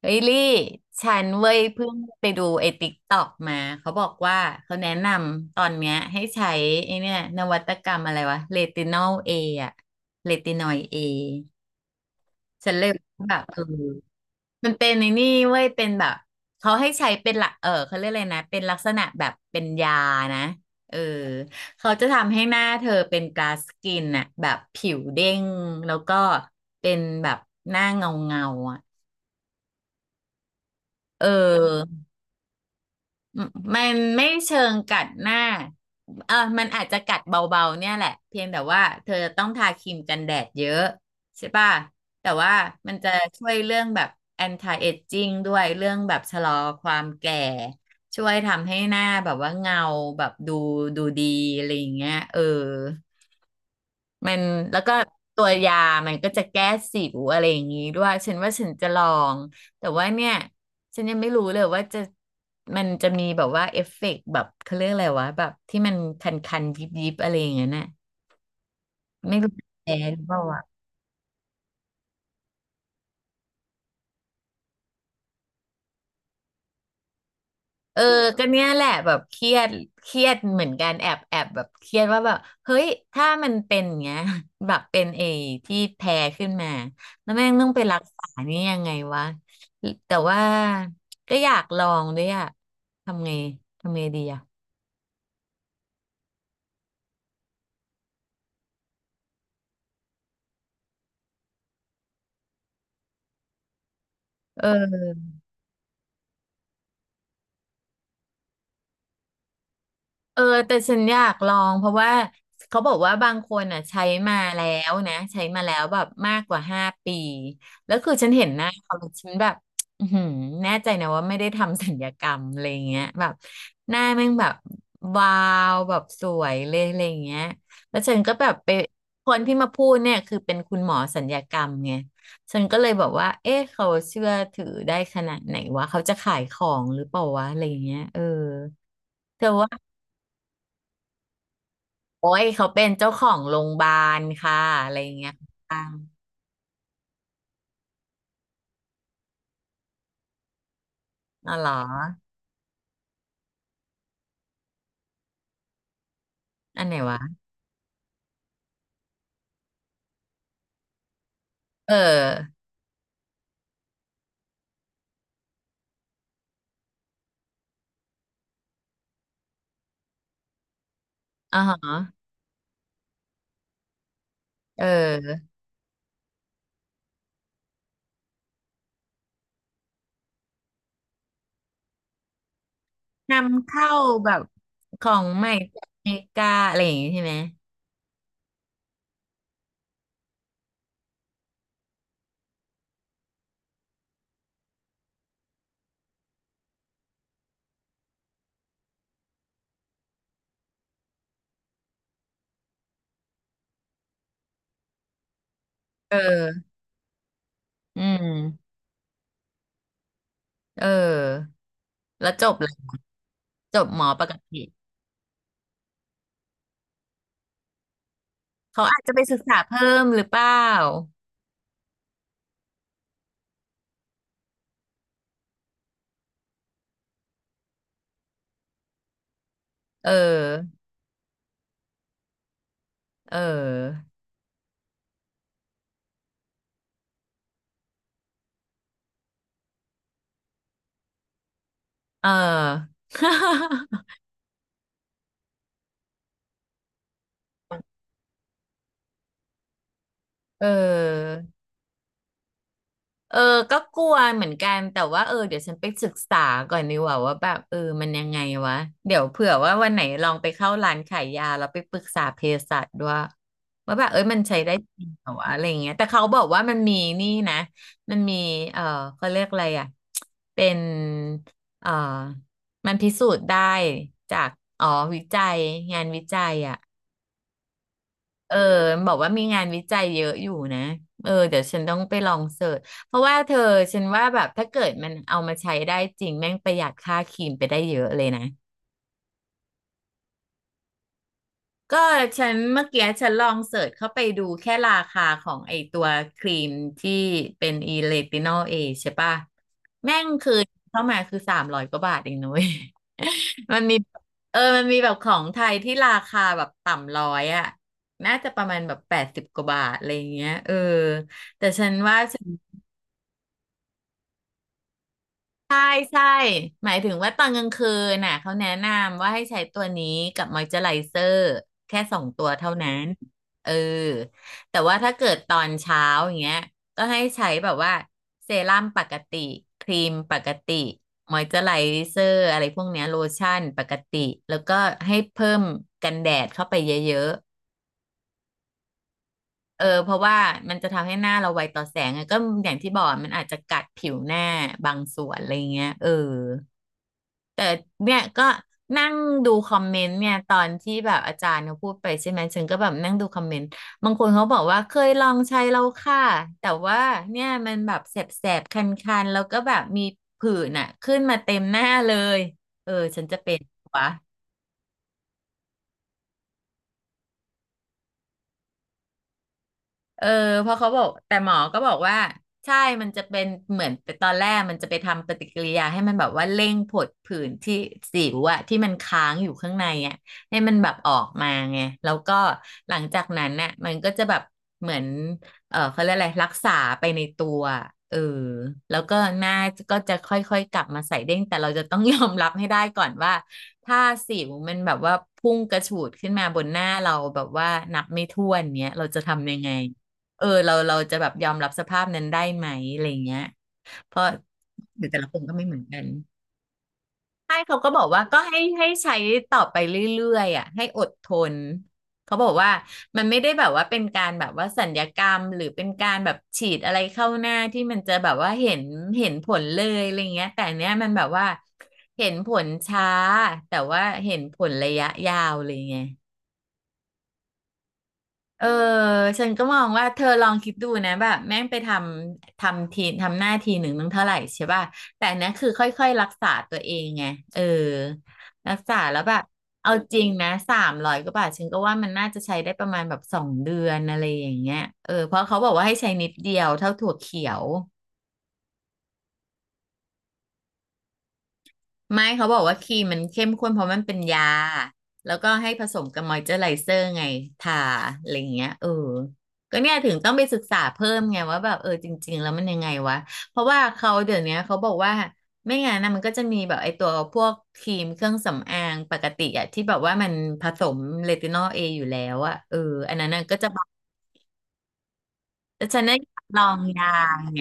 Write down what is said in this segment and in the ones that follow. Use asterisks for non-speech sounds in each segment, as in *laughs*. เฮ้ยลี่ฉันเว้ยเพิ่งไปดูไอ้ติ๊กตอกมาเขาบอกว่าเขาแนะนำตอนเนี้ยให้ใช้ไอ้เนี่ยนวัตกรรมอะไรวะเรตินอละเรตินอยเอฉันเลยแบบมันเป็นในนี่เว้ยเป็นแบบเขาให้ใช้เป็นหลักเขาเรียกอะไรนะเป็นลักษณะแบบเป็นยานะเออเขาจะทำให้หน้าเธอเป็นกลาสกินอะแบบผิวเด้งแล้วก็เป็นแบบหน้าเงาเงาอะเออ อืมมันไม่เชิงกัดหน้าเออมันอาจจะกัดเบาๆ เนี่ยแหละเพียงแต่ว่าเธอต้องทาครีมกันแดดเยอะใช่ป่ะแต่ว่ามันจะช่วยเรื่องแบบ anti aging ด้วยเรื่องแบบชะลอความแก่ช่วยทำให้หน้าแบบว่าเงาแบบดูดีอะไรอย่างเงี้ยเออ มันแล้วก็ตัวยามันก็จะแก้สิวอะไรอย่างนี้ด้วยฉันว่าฉันจะลองแต่ว่าเนี่ยฉันยังไม่รู้เลยว่าจะมันจะมีแบบว่าเอฟเฟกต์แบบเขาเรียกอะไรวะแบบที่มันคันๆยิบๆอะไรอย่างเงี้ยน่ะไม่รู้แพ้หรือเปล่าวะ เออก็เนี้ยแหละแบบเครียดเครียดเหมือนกันแอบแบบเครียดว่าแบบเฮ้ยถ้ามันเป็นอย่างเงี้ย *laughs* แบบเป็นเอที่แพ้ขึ้นมาแล้วแม่งต้องไปรักษานี่ยังไงวะแต่ว่าก็อยากลองด้วยอะทำไงทำไงดีอะเออ เออแต่ฉันอยากลองเพราะว่าเขาบอกว่าบางคนอ่ะใช้มาแล้วนะใช้มาแล้วแบบมากกว่า5 ปีแล้วคือฉันเห็นหน้าเขาแล้วฉันแบบอือหือแน่ใจนะว่าไม่ได้ทำศัลยกรรมอะไรเงี้ยแบบหน้าแม่งแบบวาวแบบสวยเลยอะไรเงี้ยแล้วฉันก็แบบไปคนที่มาพูดเนี่ยคือเป็นคุณหมอศัลยกรรมไงฉันก็เลยบอกว่าเอ๊ะเขาเชื่อถือได้ขนาดไหนวะเขาจะขายของหรือเปล่าวะอะไรเงี้ยเออเธอว่า โอ้ยเขาเป็นเจ้าของโรงพยาบาลค่ะอะไรอย่างเงี้ยอ่ะอ๋อเหรออันไหนวะเอออ๋อฮะเออนำเข้าแบบของใหม่จากอเมริกาอะไรอย่างงี้ใช่ไหมเอออืมเออแล้วจบเลยจบหมอปกติเขาอาจจะไปศึกษาเพิ่มหรือเปล่าเออเออเออ *laughs* เออ เออก็กลัวเหมือนกันแต่ว่าเออเดี๋ยวฉันไปศึกษาก่อนดีกว่าว่าแบบเออมันยังไงวะเดี๋ยวเผื่อว่าวันไหนลองไปเข้าร้านขายยาแล้วไปปรึกษาเภสัชด้วยว่าแบบเอ้ยมันใช้ได้จริงเหรอวะอะไรอย่างเงี้ยแต่เขาบอกว่ามันมีนี่นะมันมีเออเขาเรียกอะไรอ่ะเป็นเออมันพิสูจน์ได้จากอ๋อวิจัยงานวิจัยอ่ะ เออบอกว่ามีงานวิจัยเยอะอยู่นะเออเดี๋ยวฉันต้องไปลองเสิร์ชเพราะว่าเธอฉันว่าแบบถ้าเกิดมันเอามาใช้ได้จริงแม่งประหยัดค่าครีมไปได้เยอะเลยนะ ก็ฉันเมื่อกี้ฉันลองเสิร์ชเข้าไปดูแค่ราคาของไอตัวครีมที่เป็นอีเลตินอลเอใช่ป่ะแม่งคือเข้ามาคือ300 กว่าบาทเองนุ้ย *laughs* มันมีเออมันมีแบบของไทยที่ราคาแบบต่ำร้อยอ่ะน่าจะประมาณแบบ80 กว่าบาทอะไรอย่างเงี้ยเออแต่ฉันว่า ใช่ใช่หมายถึงว่าตอนกลางคืนน่ะเขาแนะนำว่าให้ใช้ตัวนี้กับมอยเจอไรเซอร์แค่2 ตัวเท่านั้นเออแต่ว่าถ้าเกิดตอนเช้าอย่างเงี้ยก็ให้ใช้แบบว่าเซรั่มปกติครีมปกติมอยเจอไรเซอร์อะไรพวกเนี้ยโลชั่นปกติแล้วก็ให้เพิ่มกันแดดเข้าไปเยอะๆเออเพราะว่ามันจะทำให้หน้าเราไวต่อแสงอะก็อย่างที่บอกมันอาจจะกัดผิวหน้าบางส่วนอะไรเงี้ยเออ แต่เนี่ยก็นั่งดูคอมเมนต์เนี่ยตอนที่แบบอาจารย์เขาพูดไปใช่ไหมฉันก็แบบนั่งดูคอมเมนต์บางคนเขาบอกว่าเคยลองใช้แล้วค่ะแต่ว่าเนี่ยมันแบบแสบแสบคันๆแล้วก็แบบมีผื่นอ่ะขึ้นมาเต็มหน้าเลยเออฉันจะเป็นวะ เออเพราะเขาบอกแต่หมอก็บอกว่าใช่มันจะเป็นเหมือนตอนแรกมันจะไปทำปฏิกิริยาให้มันแบบว่าเร่งผดผื่นที่สิวอะที่มันค้างอยู่ข้างในอะให้มันแบบออกมาไงแล้วก็หลังจากนั้นน่ะมันก็จะแบบเหมือนเออเขาเรียกอะไรรักษาไปในตัวเออแล้วก็หน้าก็จะค่อยๆกลับมาใสเด้งแต่เราจะต้องยอมรับให้ได้ก่อนว่าถ้าสิวมันแบบว่าพุ่งกระฉูดขึ้นมาบนหน้าเราแบบว่านับไม่ถ้วนเนี้ยเราจะทำยังไง เออเราจะแบบยอมรับสภาพนั้นได้ไหมอะไรเงี้ยเพราะหรือแต่ละคนก็ไม่เหมือนกันใช่เขาก็บอกว่าก็ให้ใช้ต่อไปเรื่อยๆอ่ะให้อดทนเขาบอกว่ามันไม่ได้แบบว่าเป็นการแบบว่าสัญญกรรมหรือเป็นการแบบฉีดอะไรเข้าหน้าที่มันจะแบบว่าเห็นผลเลยอะไรเงี้ยแต่อันเนี้ยมันแบบว่าเห็นผลช้าแต่ว่าเห็นผลระยะยาวเลยไง เออฉันก็มองว่าเธอลองคิดดูนะแบบแม่งไปทำทีทำหน้าทีหนึ่งนึงเท่าไหร่ใช่ป่ะแต่อันเนี้ยคือค่อยๆรักษาตัวเองไงเออรักษาแล้วแบบเอาจริงนะสามร้อยกว่าบาทฉันก็ว่ามันน่าจะใช้ได้ประมาณแบบสองเดือนอะไรอย่างเงี้ยเออเพราะเขาบอกว่าให้ใช้นิดเดียวเท่าถั่วเขียว ไม่เขาบอกว่าครีมมันเข้มข้นเพราะมันเป็นยาแล้วก็ให้ผสมกับมอยเจอร์ไรเซอร์ไงทาอะไรอย่างเงี้ยเออก็เนี่ยถึงต้องไปศึกษาเพิ่มไงว่าแบบเออจริงๆแล้วมันยังไงวะเพราะว่าเขาเดี๋ยวเนี้ยเขาบอกว่าไม่งั้นนะมันก็จะมีแบบไอ้ตัวพวกครีมเครื่องสำอางปกติอะที่แบบว่ามันผสมเรตินอลเออยู่แล้วอะเอออันนั้นน่ะก็จะแบบแต่ฉันน่ะอยากลองยาไง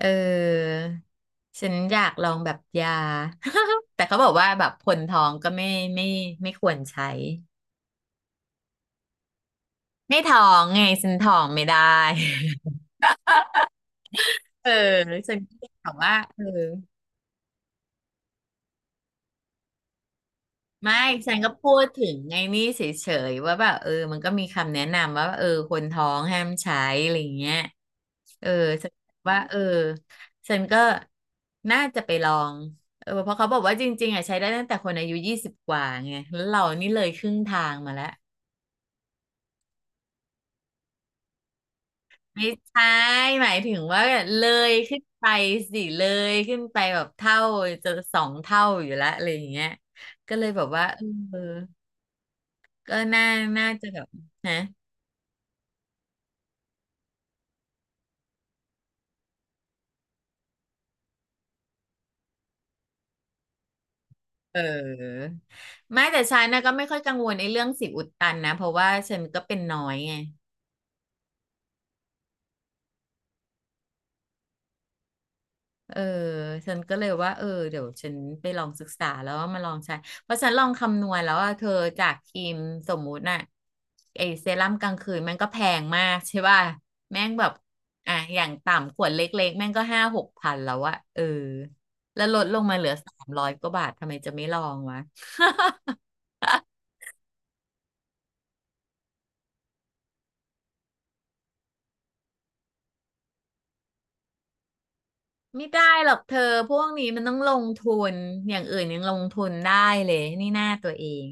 เออฉันอยากลองแบบยา *laughs* แต่เขาบอกว่าแบบคนท้องก็ไม่ไม่ไม่ควรใช้ไม่ท้องไงฉันท้องไม่ได้ *laughs* เออฉันก็เลยบอกว่าเออ ไม่ฉันก็พูดถึงไงนี่เฉยๆว่าแบบเออมันก็มีคำแนะนำว่าเออคนท้องห้ามใช้อะไรเงี้ยเออฉันว่าเออฉันก็น่าจะไปลองเออเพราะเขาบอกว่าจริงๆอ่ะใช้ได้ตั้งแต่คนอายุ20 กว่าไงแล้วเรานี่เลยครึ่งทางมาแล้วไม่ใช่หมายถึงว่าเลยขึ้นไปสิเลยขึ้นไปแบบเท่าจะ2 เท่าอยู่แล้วอะไรอย่างเงี้ยก็เลยแบบว่าเออก็น่าจะแบบนะ เออไม่แต่ฉันนะก็ไม่ค่อยกังวลไอ้เรื่องสิวอุดตันนะเพราะว่าฉันก็เป็นน้อยไงเออฉันก็เลยว่าเออเดี๋ยวฉันไปลองศึกษาแล้วว่ามาลองใช้เพราะฉันลองคำนวณแล้วว่าเธอจากครีมสมมุติน่ะไอเซรั่มกลางคืนแม่งก็แพงมากใช่ป่ะแม่งแบบอ่ะอย่างต่ำขวดเล็กๆแม่งก็5-6 พันแล้วอะเออแล้วลดลงมาเหลือสามร้อยกว่าบาททำไมจะไม่ลองวะ *laughs* ไม่ได้หรอกเธอพวกนี้มันต้องลงทุนอย่างอื่นยังลงทุนได้เลยนี่หน้าตัวเอง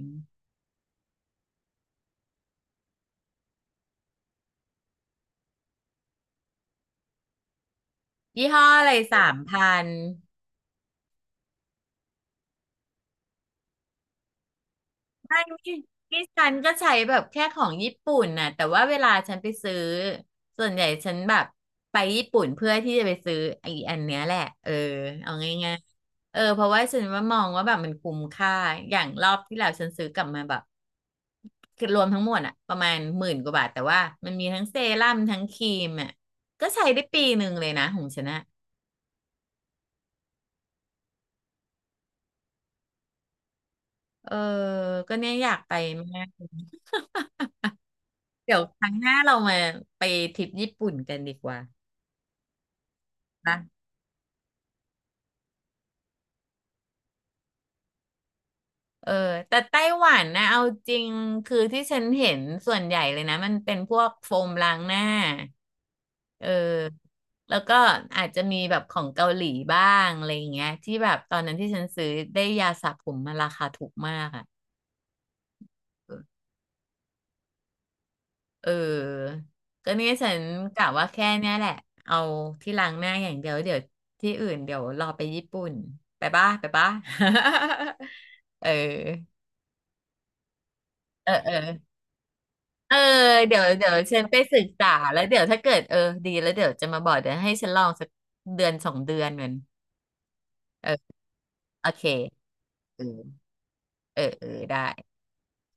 ยี่ห้ออะไร3 พัน ใช่ที่ที่ฉันก็ใช้แบบแค่ของญี่ปุ่นน่ะแต่ว่าเวลาฉันไปซื้อส่วนใหญ่ฉันแบบไปญี่ปุ่นเพื่อที่จะไปซื้อไอ้อันเนี้ยแหละเออเอาง่ายๆเออเพราะว่าฉันว่ามองว่าแบบมันคุ้มค่าอย่างรอบที่แล้วฉันซื้อกลับมาแบบคือรวมทั้งหมดอะประมาณ10,000 กว่าบาทแต่ว่ามันมีทั้งเซรั่มทั้งครีมอะก็ใช้ได้ปีหนึ่งเลยนะของฉันอะเออก็เนี่ยอยากไปมากเดี๋ยวครั้งหน้าเรามาไปทริปญี่ปุ่นกันดีกว่า เออแต่ไต้หวันนะเอาจริงคือที่ฉันเห็นส่วนใหญ่เลยนะมันเป็นพวกโฟมล้างหน้าเออแล้วก็อาจจะมีแบบของเกาหลีบ้างอะไรอย่างเงี้ยที่แบบตอนนั้นที่ฉันซื้อได้ยาสระผมมาราคาถูกมากอ่ะเออ ก็เนี่ยฉันกะว่าแค่เนี้ยแหละเอาที่ล้างหน้าอย่างเดียวเดี๋ยวที่อื่นเดี๋ยวรอไปญี่ปุ่นไปบ้าไปบ้า *laughs* เออเออเออ เออเดี๋ยวฉันไปศึกษาแล้วเดี๋ยวถ้าเกิดเออดีแล้วเดี๋ยวจะมาบอกเดี๋ยวให้ฉันลองสักเดือนสองเดือนเหมือนเออโอเคเออเออเออได้